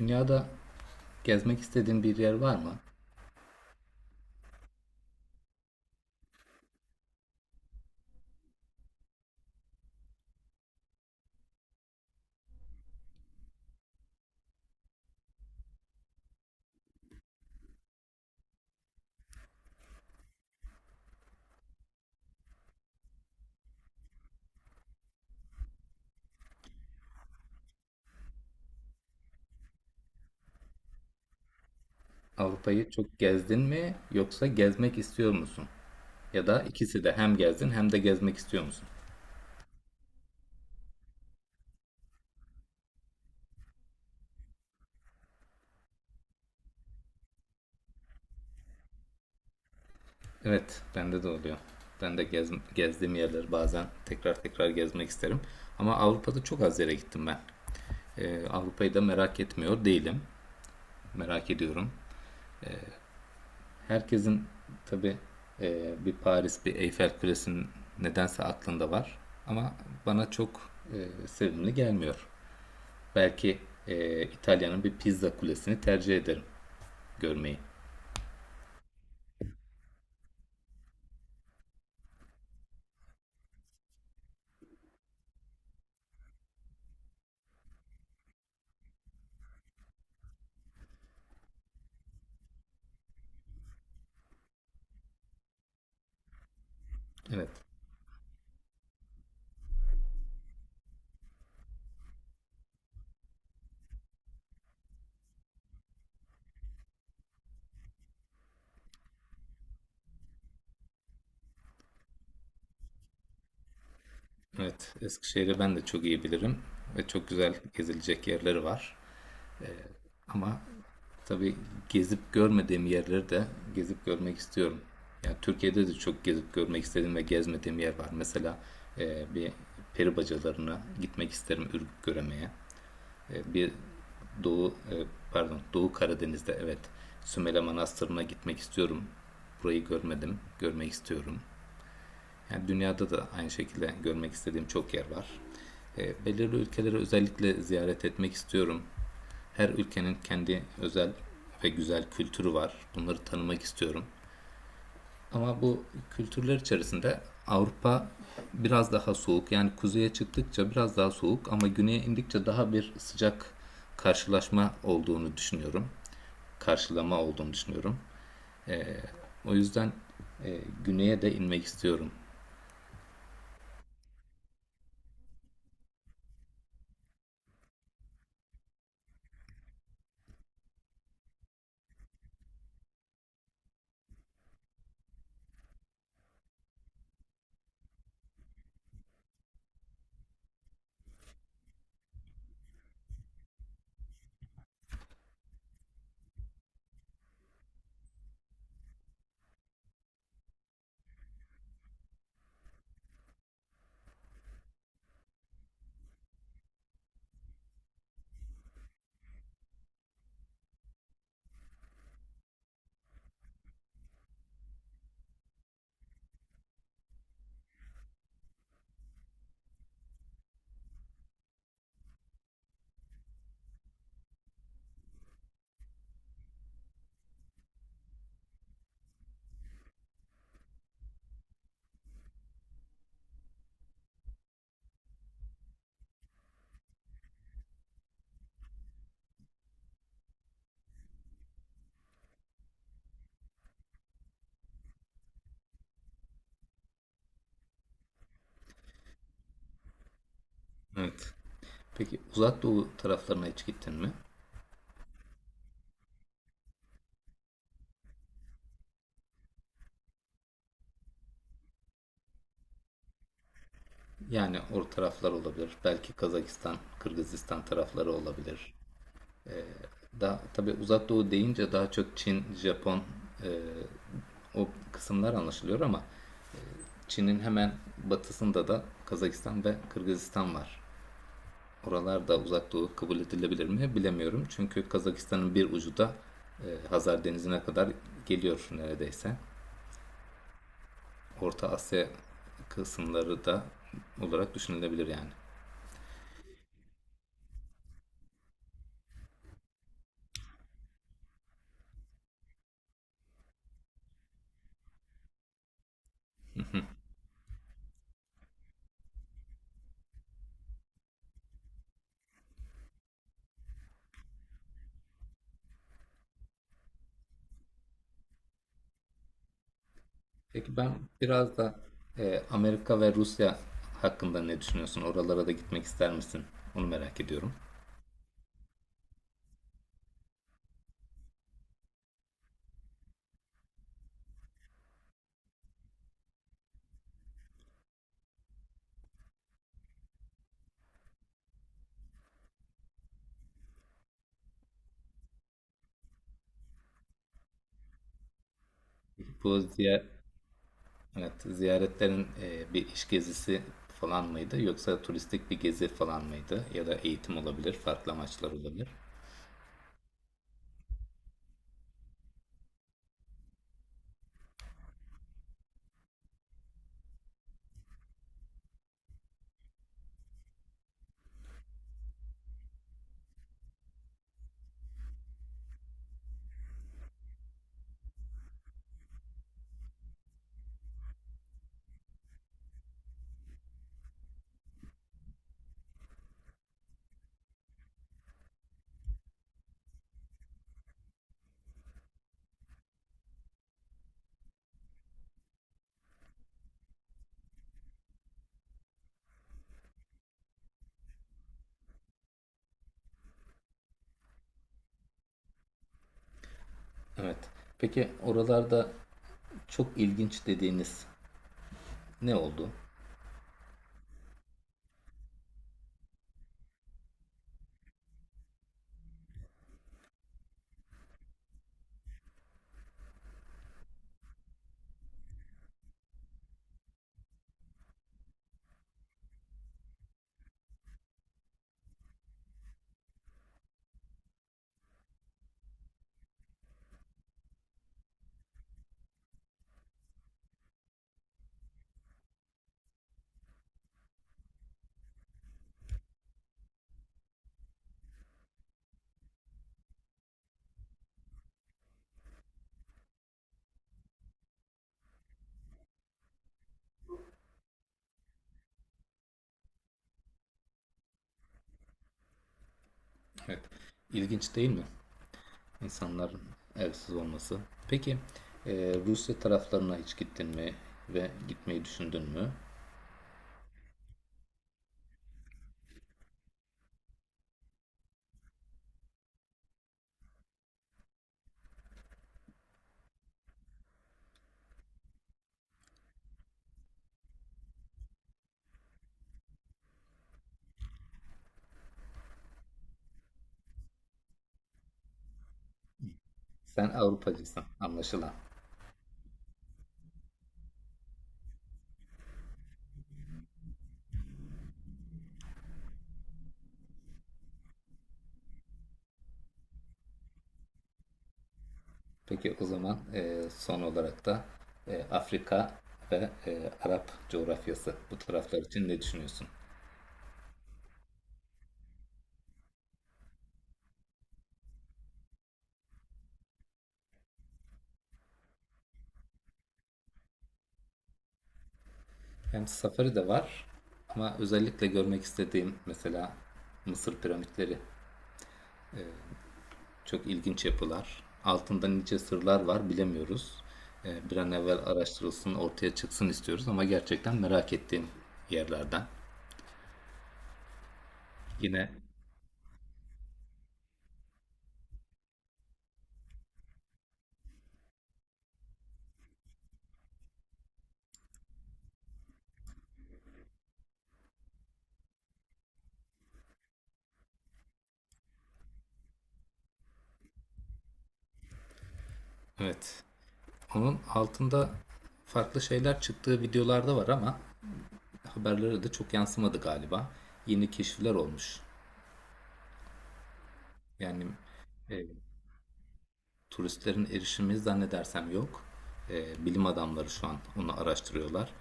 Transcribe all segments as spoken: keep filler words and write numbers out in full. Dünyada gezmek istediğin bir yer var mı? Avrupa'yı çok gezdin mi yoksa gezmek istiyor musun? Ya da ikisi de hem gezdin hem de gezmek istiyor musun? Evet, bende de oluyor. Ben de gez, gezdiğim yerleri bazen tekrar tekrar gezmek isterim. Ama Avrupa'da çok az yere gittim ben. Ee, Avrupa'yı da merak etmiyor değilim. Merak ediyorum. Herkesin tabii e, bir Paris, bir Eyfel Kulesi'nin nedense aklında var. Ama bana çok e, sevimli gelmiyor. Belki e, İtalya'nın bir pizza kulesini tercih ederim görmeyi. Evet. Evet. Eskişehir'i ben de çok iyi bilirim ve çok güzel gezilecek yerleri var. Ama tabii gezip görmediğim yerleri de gezip görmek istiyorum. Yani Türkiye'de de çok gezip görmek istediğim ve gezmediğim yer var. Mesela e, bir peri bacalarına gitmek isterim Ürgüp göremeye. E, bir Doğu e, pardon Doğu Karadeniz'de evet Sümele Manastırı'na gitmek istiyorum. Burayı görmedim, görmek istiyorum. Yani dünyada da aynı şekilde görmek istediğim çok yer var. E, belirli ülkeleri özellikle ziyaret etmek istiyorum. Her ülkenin kendi özel ve güzel kültürü var. Bunları tanımak istiyorum. Ama bu kültürler içerisinde Avrupa biraz daha soğuk. Yani kuzeye çıktıkça biraz daha soğuk ama güneye indikçe daha bir sıcak karşılaşma olduğunu düşünüyorum. Karşılama olduğunu düşünüyorum. O yüzden e, güneye de inmek istiyorum. Evet. Peki Uzak Doğu taraflarına hiç gittin mi? Yani o taraflar olabilir. Belki Kazakistan, Kırgızistan tarafları olabilir. Daha, tabii Uzak Doğu deyince daha çok Çin, Japon e, o kısımlar anlaşılıyor ama Çin'in hemen batısında da Kazakistan ve Kırgızistan var. Oralarda Uzak Doğu kabul edilebilir mi bilemiyorum. Çünkü Kazakistan'ın bir ucu da e, Hazar Denizi'ne kadar geliyor neredeyse. Orta Asya kısımları da olarak düşünülebilir yani. Peki ben biraz da e, Amerika ve Rusya hakkında ne düşünüyorsun? Oralara da gitmek ister misin? Onu merak ediyorum. Bu ziyaret, evet, ziyaretlerin e, bir iş gezisi falan mıydı yoksa turistik bir gezi falan mıydı ya da eğitim olabilir, farklı amaçlar olabilir. Evet. Peki oralarda çok ilginç dediğiniz ne oldu? Evet. İlginç değil mi? İnsanların evsiz olması. Peki e, Rusya taraflarına hiç gittin mi ve gitmeyi düşündün mü? Sen Avrupacısın anlaşılan. Peki o zaman e, son olarak da e, Afrika ve e, Arap coğrafyası bu taraflar için ne düşünüyorsun? Hem safari de var ama özellikle görmek istediğim mesela Mısır piramitleri çok ilginç yapılar. Altında nice sırlar var bilemiyoruz. E, bir an evvel araştırılsın ortaya çıksın istiyoruz ama gerçekten merak ettiğim yerlerden. Yine evet, onun altında farklı şeyler çıktığı videolarda var ama haberlere de çok yansımadı galiba. Yeni keşifler olmuş. Yani e, turistlerin erişimi zannedersem yok. E, bilim adamları şu an onu araştırıyorlar.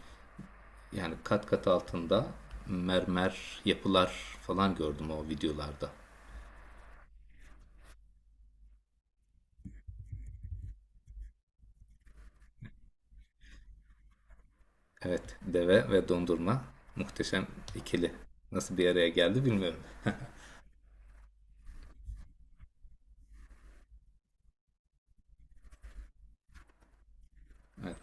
Yani kat kat altında mermer yapılar falan gördüm o videolarda. Evet, deve ve dondurma muhteşem ikili. Nasıl bir araya geldi bilmiyorum.